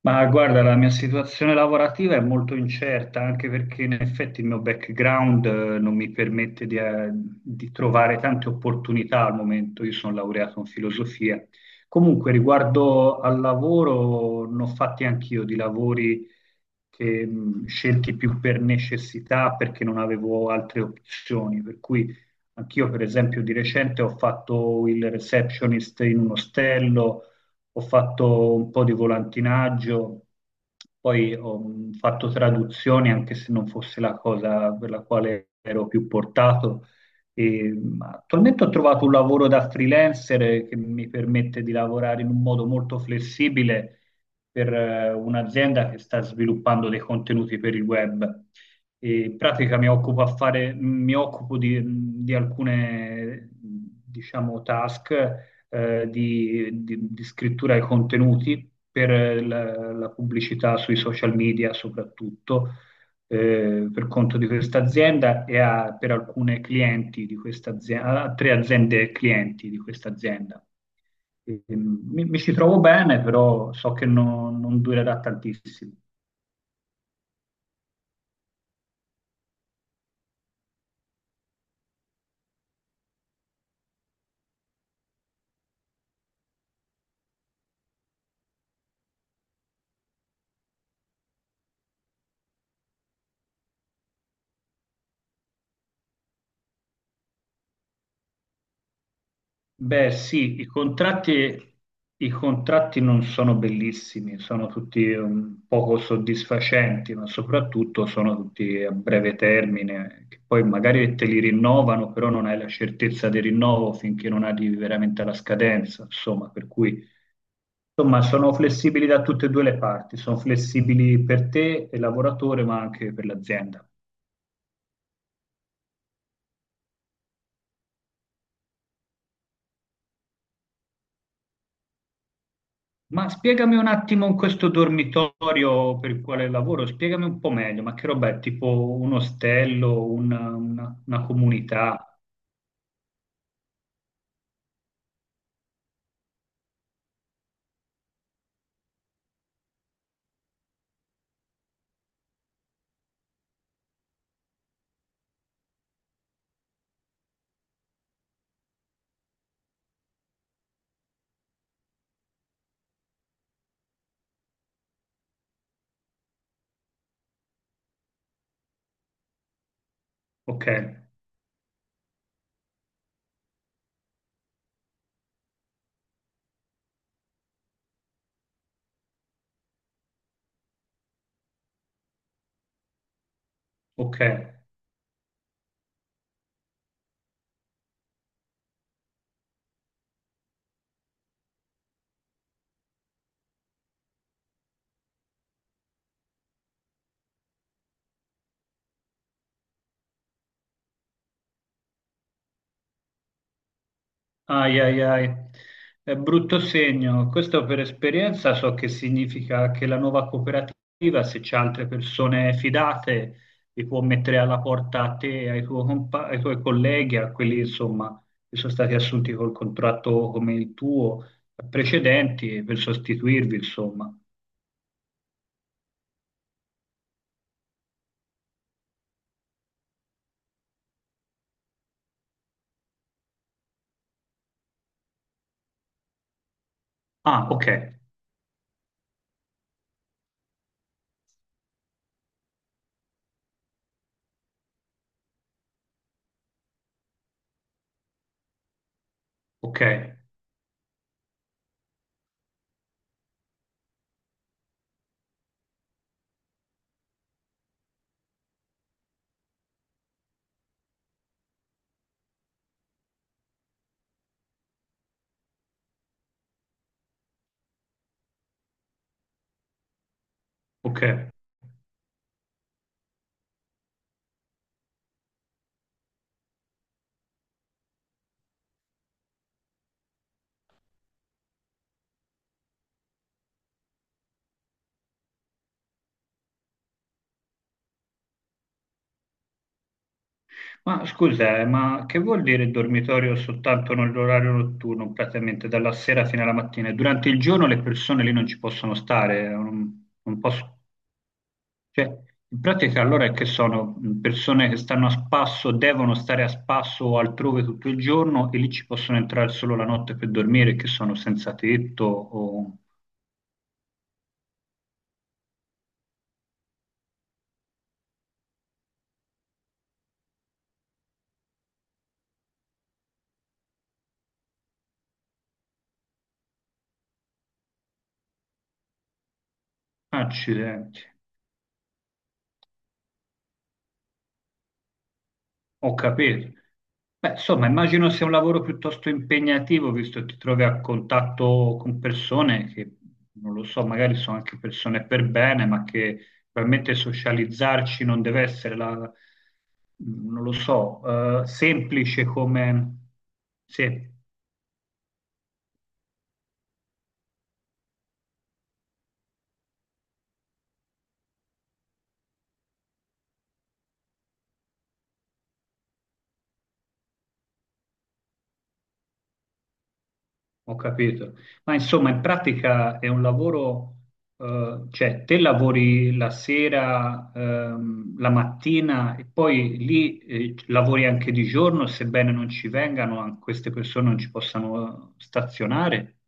Ma guarda, la mia situazione lavorativa è molto incerta, anche perché in effetti il mio background non mi permette di trovare tante opportunità al momento. Io sono laureato in filosofia. Comunque, riguardo al lavoro, ne ho fatti anch'io di lavori che scelti più per necessità, perché non avevo altre opzioni. Per cui anch'io, per esempio, di recente ho fatto il receptionist in un ostello, ho fatto un po' di volantinaggio, poi ho fatto traduzioni, anche se non fosse la cosa per la quale ero più portato. Attualmente ho trovato un lavoro da freelancer che mi permette di lavorare in un modo molto flessibile per un'azienda che sta sviluppando dei contenuti per il web. E in pratica mi occupo di, di alcune, diciamo, task di, di scrittura ai contenuti per la pubblicità sui social media soprattutto per conto di questa azienda e per alcune clienti di questa azienda, a tre aziende clienti di questa azienda. Mi ci trovo bene, però so che non durerà tantissimo. Beh, sì, i contratti non sono bellissimi, sono tutti un poco soddisfacenti, ma soprattutto sono tutti a breve termine, che poi magari te li rinnovano, però non hai la certezza del rinnovo finché non arrivi veramente alla scadenza, insomma, per cui insomma sono flessibili da tutte e due le parti, sono flessibili per te e lavoratore, ma anche per l'azienda. Ma spiegami un attimo in questo dormitorio per il quale lavoro, spiegami un po' meglio, ma che roba è? Tipo un ostello, una, una comunità? Ok, ok. Ai ai ai, è brutto segno. Questo per esperienza so che significa che la nuova cooperativa, se c'è altre persone fidate, li può mettere alla porta a te, ai ai tuoi colleghi, a quelli insomma che sono stati assunti col contratto come il tuo, precedenti, per sostituirvi, insomma. Ah, ok, ok, ok. Ma scusa, ma che vuol dire dormitorio soltanto nell'orario notturno, praticamente dalla sera fino alla mattina? Durante il giorno le persone lì non ci possono stare, non, non posso- cioè, in pratica allora è che sono persone che stanno a spasso, devono stare a spasso o altrove tutto il giorno e lì ci possono entrare solo la notte per dormire, che sono senza tetto o accidenti. Ho capito. Beh, insomma, immagino sia un lavoro piuttosto impegnativo, visto che ti trovi a contatto con persone che, non lo so, magari sono anche persone per bene, ma che probabilmente socializzarci non deve essere la, non lo so, semplice come... Sì. Ho capito. Ma insomma, in pratica è un lavoro, cioè te lavori la sera, la mattina e poi lì, lavori anche di giorno, sebbene non ci vengano, queste persone non ci possano stazionare.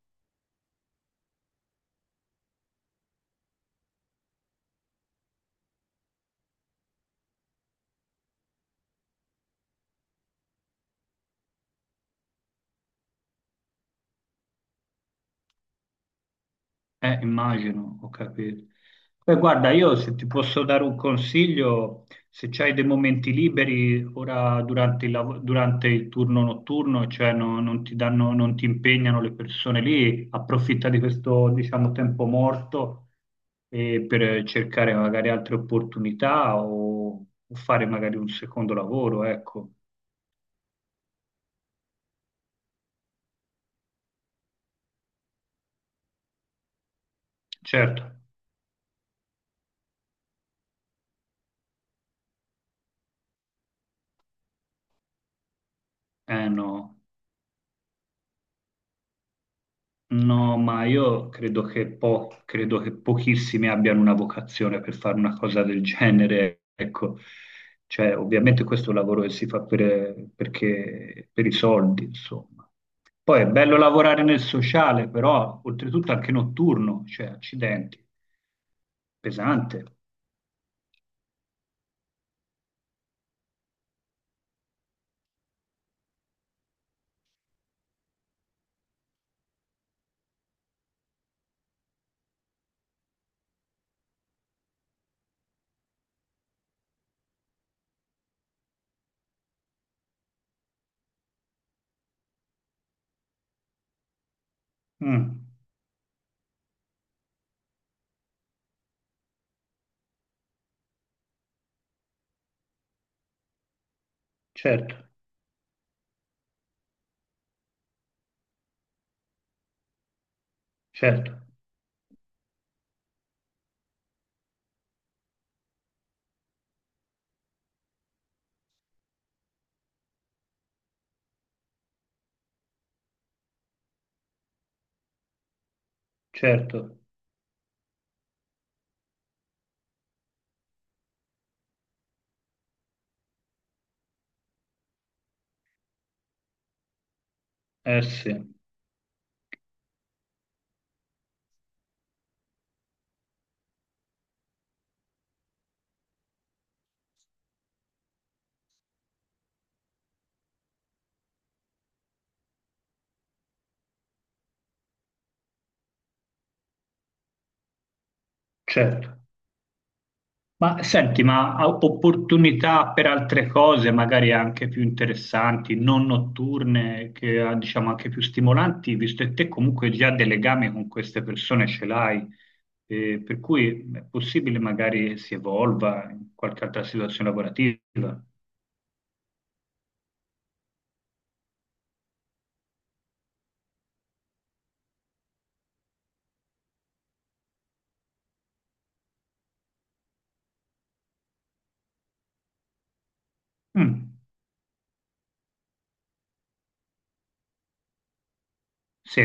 Immagino, ho capito. Beh, guarda, io se ti posso dare un consiglio, se c'hai dei momenti liberi ora durante il, durante il turno notturno, cioè non ti danno, non ti impegnano le persone lì, approfitta di questo, diciamo, tempo morto per cercare magari altre opportunità o fare magari un secondo lavoro, ecco. Certo, eh no. No, ma io credo che, credo che pochissimi abbiano una vocazione per fare una cosa del genere, ecco. Cioè, ovviamente questo è un lavoro che si fa per, per i soldi, insomma. Poi è bello lavorare nel sociale, però oltretutto anche notturno, cioè, accidenti, pesante. Mm, certo, certo, certo, eh sì, certo. Ma senti, ma ha opportunità per altre cose, magari anche più interessanti, non notturne, che ah, diciamo anche più stimolanti, visto che te comunque già dei legami con queste persone ce l'hai, per cui è possibile magari che si evolva in qualche altra situazione lavorativa. Mm, sì,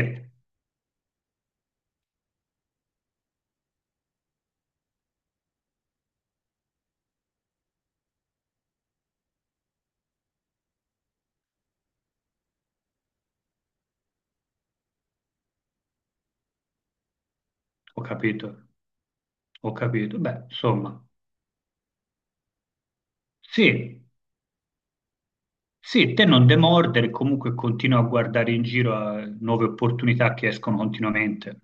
ho capito, ho capito. Beh, insomma, sì, sì, te non demordere, comunque continua a guardare in giro a nuove opportunità che escono continuamente.